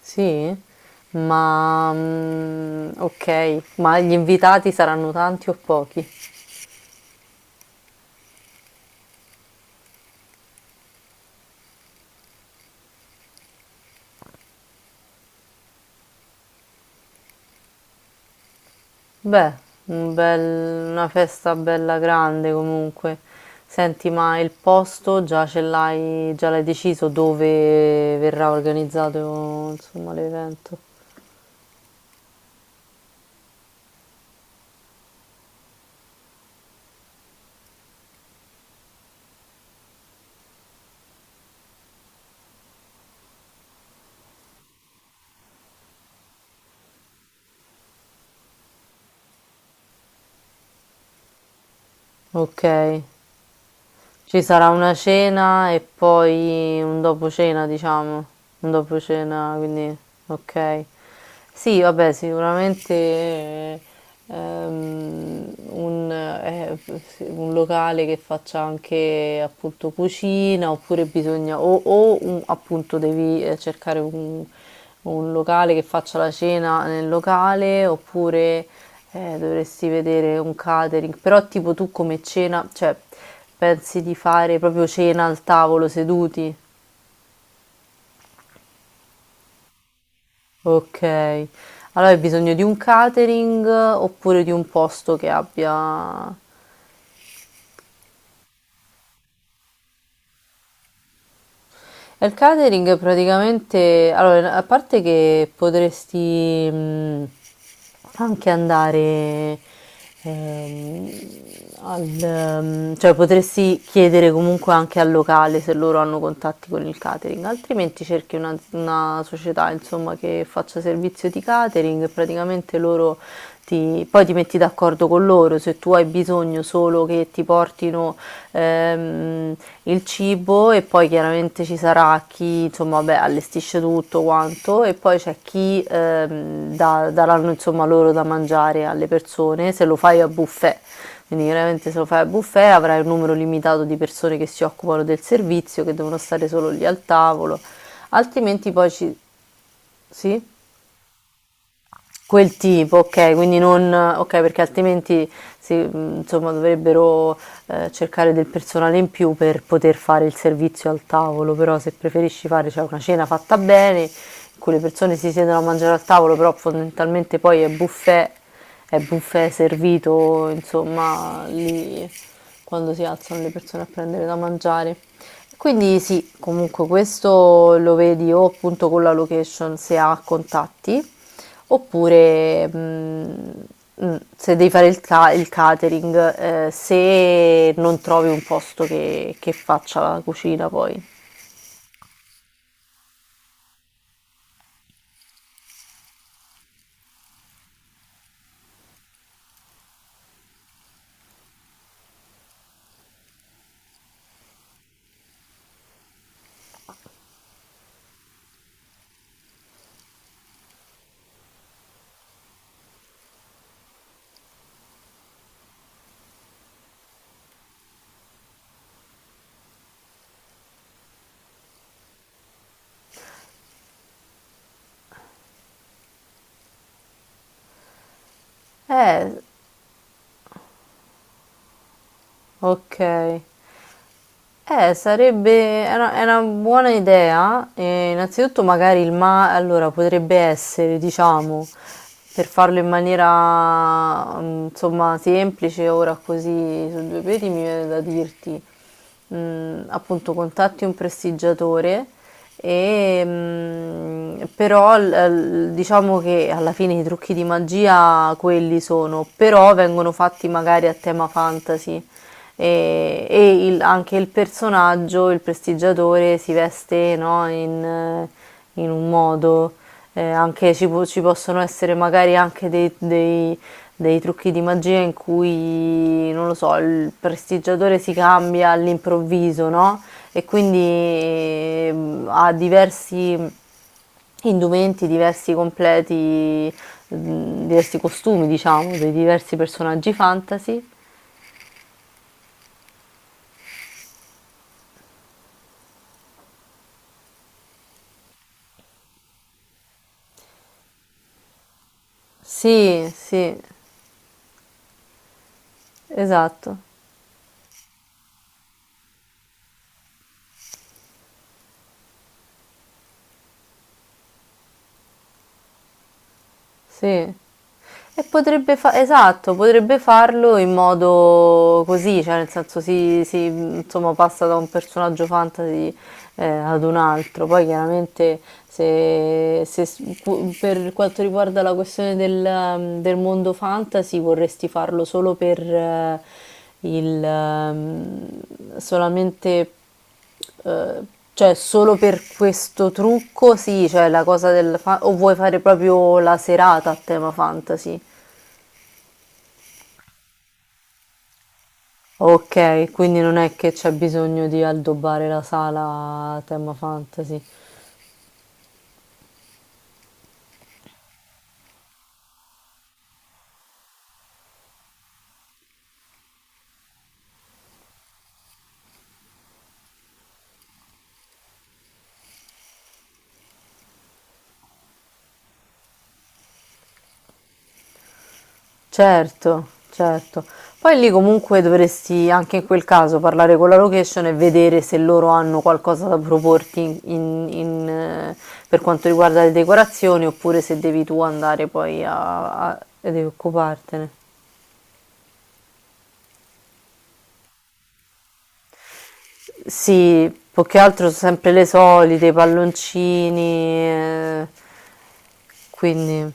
Sì? Ma okay, ma gli invitati saranno tanti o pochi? Beh, un bel una festa bella grande comunque. Senti, ma il posto già l'hai deciso dove verrà organizzato, insomma, l'evento? Okay. Ci sarà una cena e poi un dopo cena, diciamo, un dopo cena, quindi ok. Sì, vabbè, sicuramente ehm, un, eh, sì, un locale che faccia anche appunto cucina, oppure bisogna, o appunto devi cercare un, o un locale che faccia la cena nel locale, oppure dovresti vedere un catering. Però tipo tu come cena, cioè pensi di fare proprio cena al tavolo seduti? Ok. Allora hai bisogno di un catering oppure di un posto che abbia. E il catering praticamente, allora, a parte che potresti anche andare ehm, cioè potresti chiedere comunque anche al locale se loro hanno contatti con il catering, altrimenti cerchi una società, insomma, che faccia servizio di catering. Praticamente loro poi ti metti d'accordo con loro, se tu hai bisogno solo che ti portino ehm, il cibo, e poi chiaramente ci sarà chi, insomma, beh, allestisce tutto quanto, e poi c'è chi daranno, insomma, loro da mangiare alle persone se lo fai a buffet. Quindi chiaramente se lo fai a buffet avrai un numero limitato di persone che si occupano del servizio, che devono stare solo lì al tavolo, altrimenti poi ci... Sì? Quel tipo, ok, quindi non, ok, perché altrimenti insomma, dovrebbero cercare del personale in più per poter fare il servizio al tavolo. Però se preferisci fare, cioè, una cena fatta bene, in cui le persone si siedono a mangiare al tavolo, però fondamentalmente poi è buffet servito, insomma, lì, quando si alzano le persone a prendere da mangiare. Quindi sì, comunque questo lo vedi o appunto con la location se ha contatti. Oppure, se devi fare il catering, se non trovi un posto che faccia la cucina poi. Eh, okay. Sarebbe è una buona idea. Eh, innanzitutto magari il ma allora potrebbe essere, diciamo, per farlo in maniera insomma, semplice, ora così su due piedi mi viene da dirti, appunto, contatti un prestigiatore e, però diciamo che alla fine i trucchi di magia quelli sono, però vengono fatti magari a tema fantasy. E, e anche il personaggio, il prestigiatore, si veste, no, in, in un modo. Anche ci possono essere magari anche dei trucchi di magia in cui, non lo so, il prestigiatore si cambia all'improvviso, no? E quindi ha diversi indumenti, diversi completi, diversi costumi, diciamo, dei diversi personaggi fantasy. Sì, sì. Esatto, sì. E esatto, potrebbe farlo in modo così, cioè nel senso, si, insomma, passa da un personaggio fantasy ad un altro. Poi chiaramente se per quanto riguarda la questione del, del mondo fantasy, vorresti farlo solo per il, ehm, solamente. Ehm, cioè solo per questo trucco, sì, cioè la cosa o vuoi fare proprio la serata a tema fantasy? Ok, quindi non è che c'è bisogno di addobbare la sala a tema fantasy. Certo, certo. Poi lì comunque dovresti anche in quel caso parlare con la location e vedere se loro hanno qualcosa da proporti in- in- in, eh, per quanto riguarda le decorazioni, oppure se devi tu andare poi a, ed occupartene. Sì, più che altro sempre le solite, i palloncini, quindi...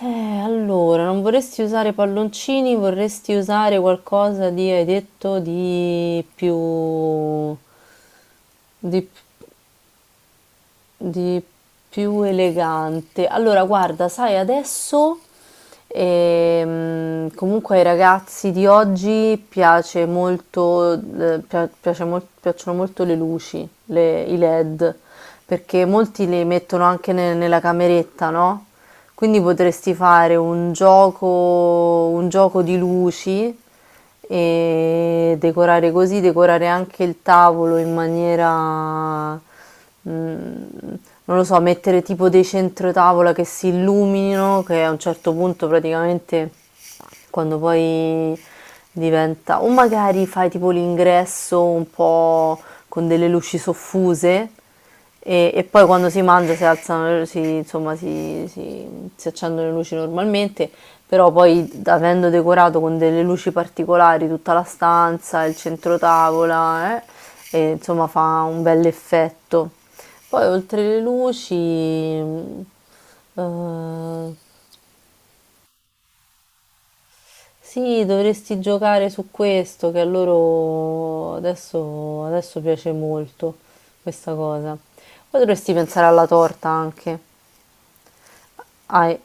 Allora, non vorresti usare palloncini, vorresti usare qualcosa di, hai detto, di più... di più... di più elegante. Allora, guarda, sai, adesso comunque ai ragazzi di oggi piace molto, piacciono molto le luci, i LED, perché molti li mettono anche nella cameretta, no? Quindi potresti fare un gioco di luci, e decorare così, decorare anche il tavolo in maniera mm, non lo so, mettere tipo dei centrotavola che si illuminino, che a un certo punto praticamente quando poi diventa... O magari fai tipo l'ingresso un po' con delle luci soffuse, e poi quando si mangia si alzano, si, insomma, si accendono le luci normalmente, però poi avendo decorato con delle luci particolari tutta la stanza, il centro tavola, e, insomma, fa un bel effetto. Poi oltre le luci, eh, sì, dovresti giocare su questo, che a loro adesso piace molto questa cosa. Poi dovresti pensare alla torta anche. Hai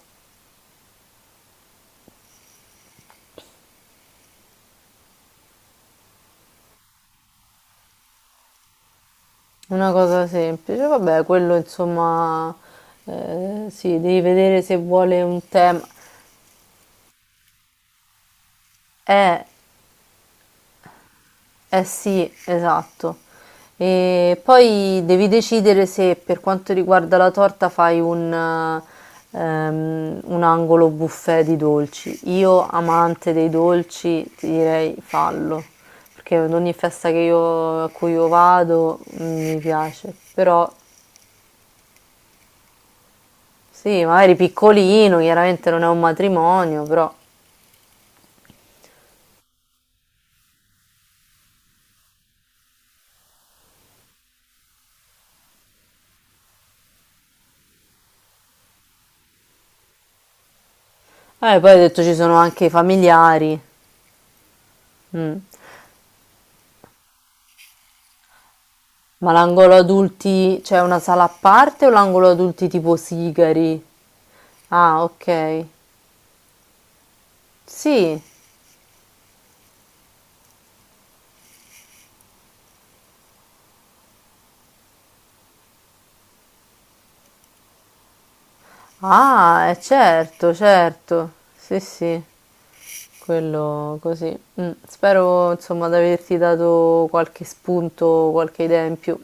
una cosa semplice, vabbè, quello insomma, sì, devi vedere se vuole un tema. Eh, eh sì, esatto. E poi devi decidere se per quanto riguarda la torta fai un angolo buffet di dolci. Io, amante dei dolci, ti direi fallo, perché ad ogni festa a cui io vado, mi piace, però... Sì, magari piccolino, chiaramente non è un matrimonio, però... poi hai detto ci sono anche i familiari. Mm. Ma l'angolo adulti c'è una sala a parte o l'angolo adulti tipo sigari? Ah, ok. Sì. Ah, certo, certo. Sì, sì. Quello così. Mm. Spero, insomma, di averti dato qualche spunto, qualche idea in più.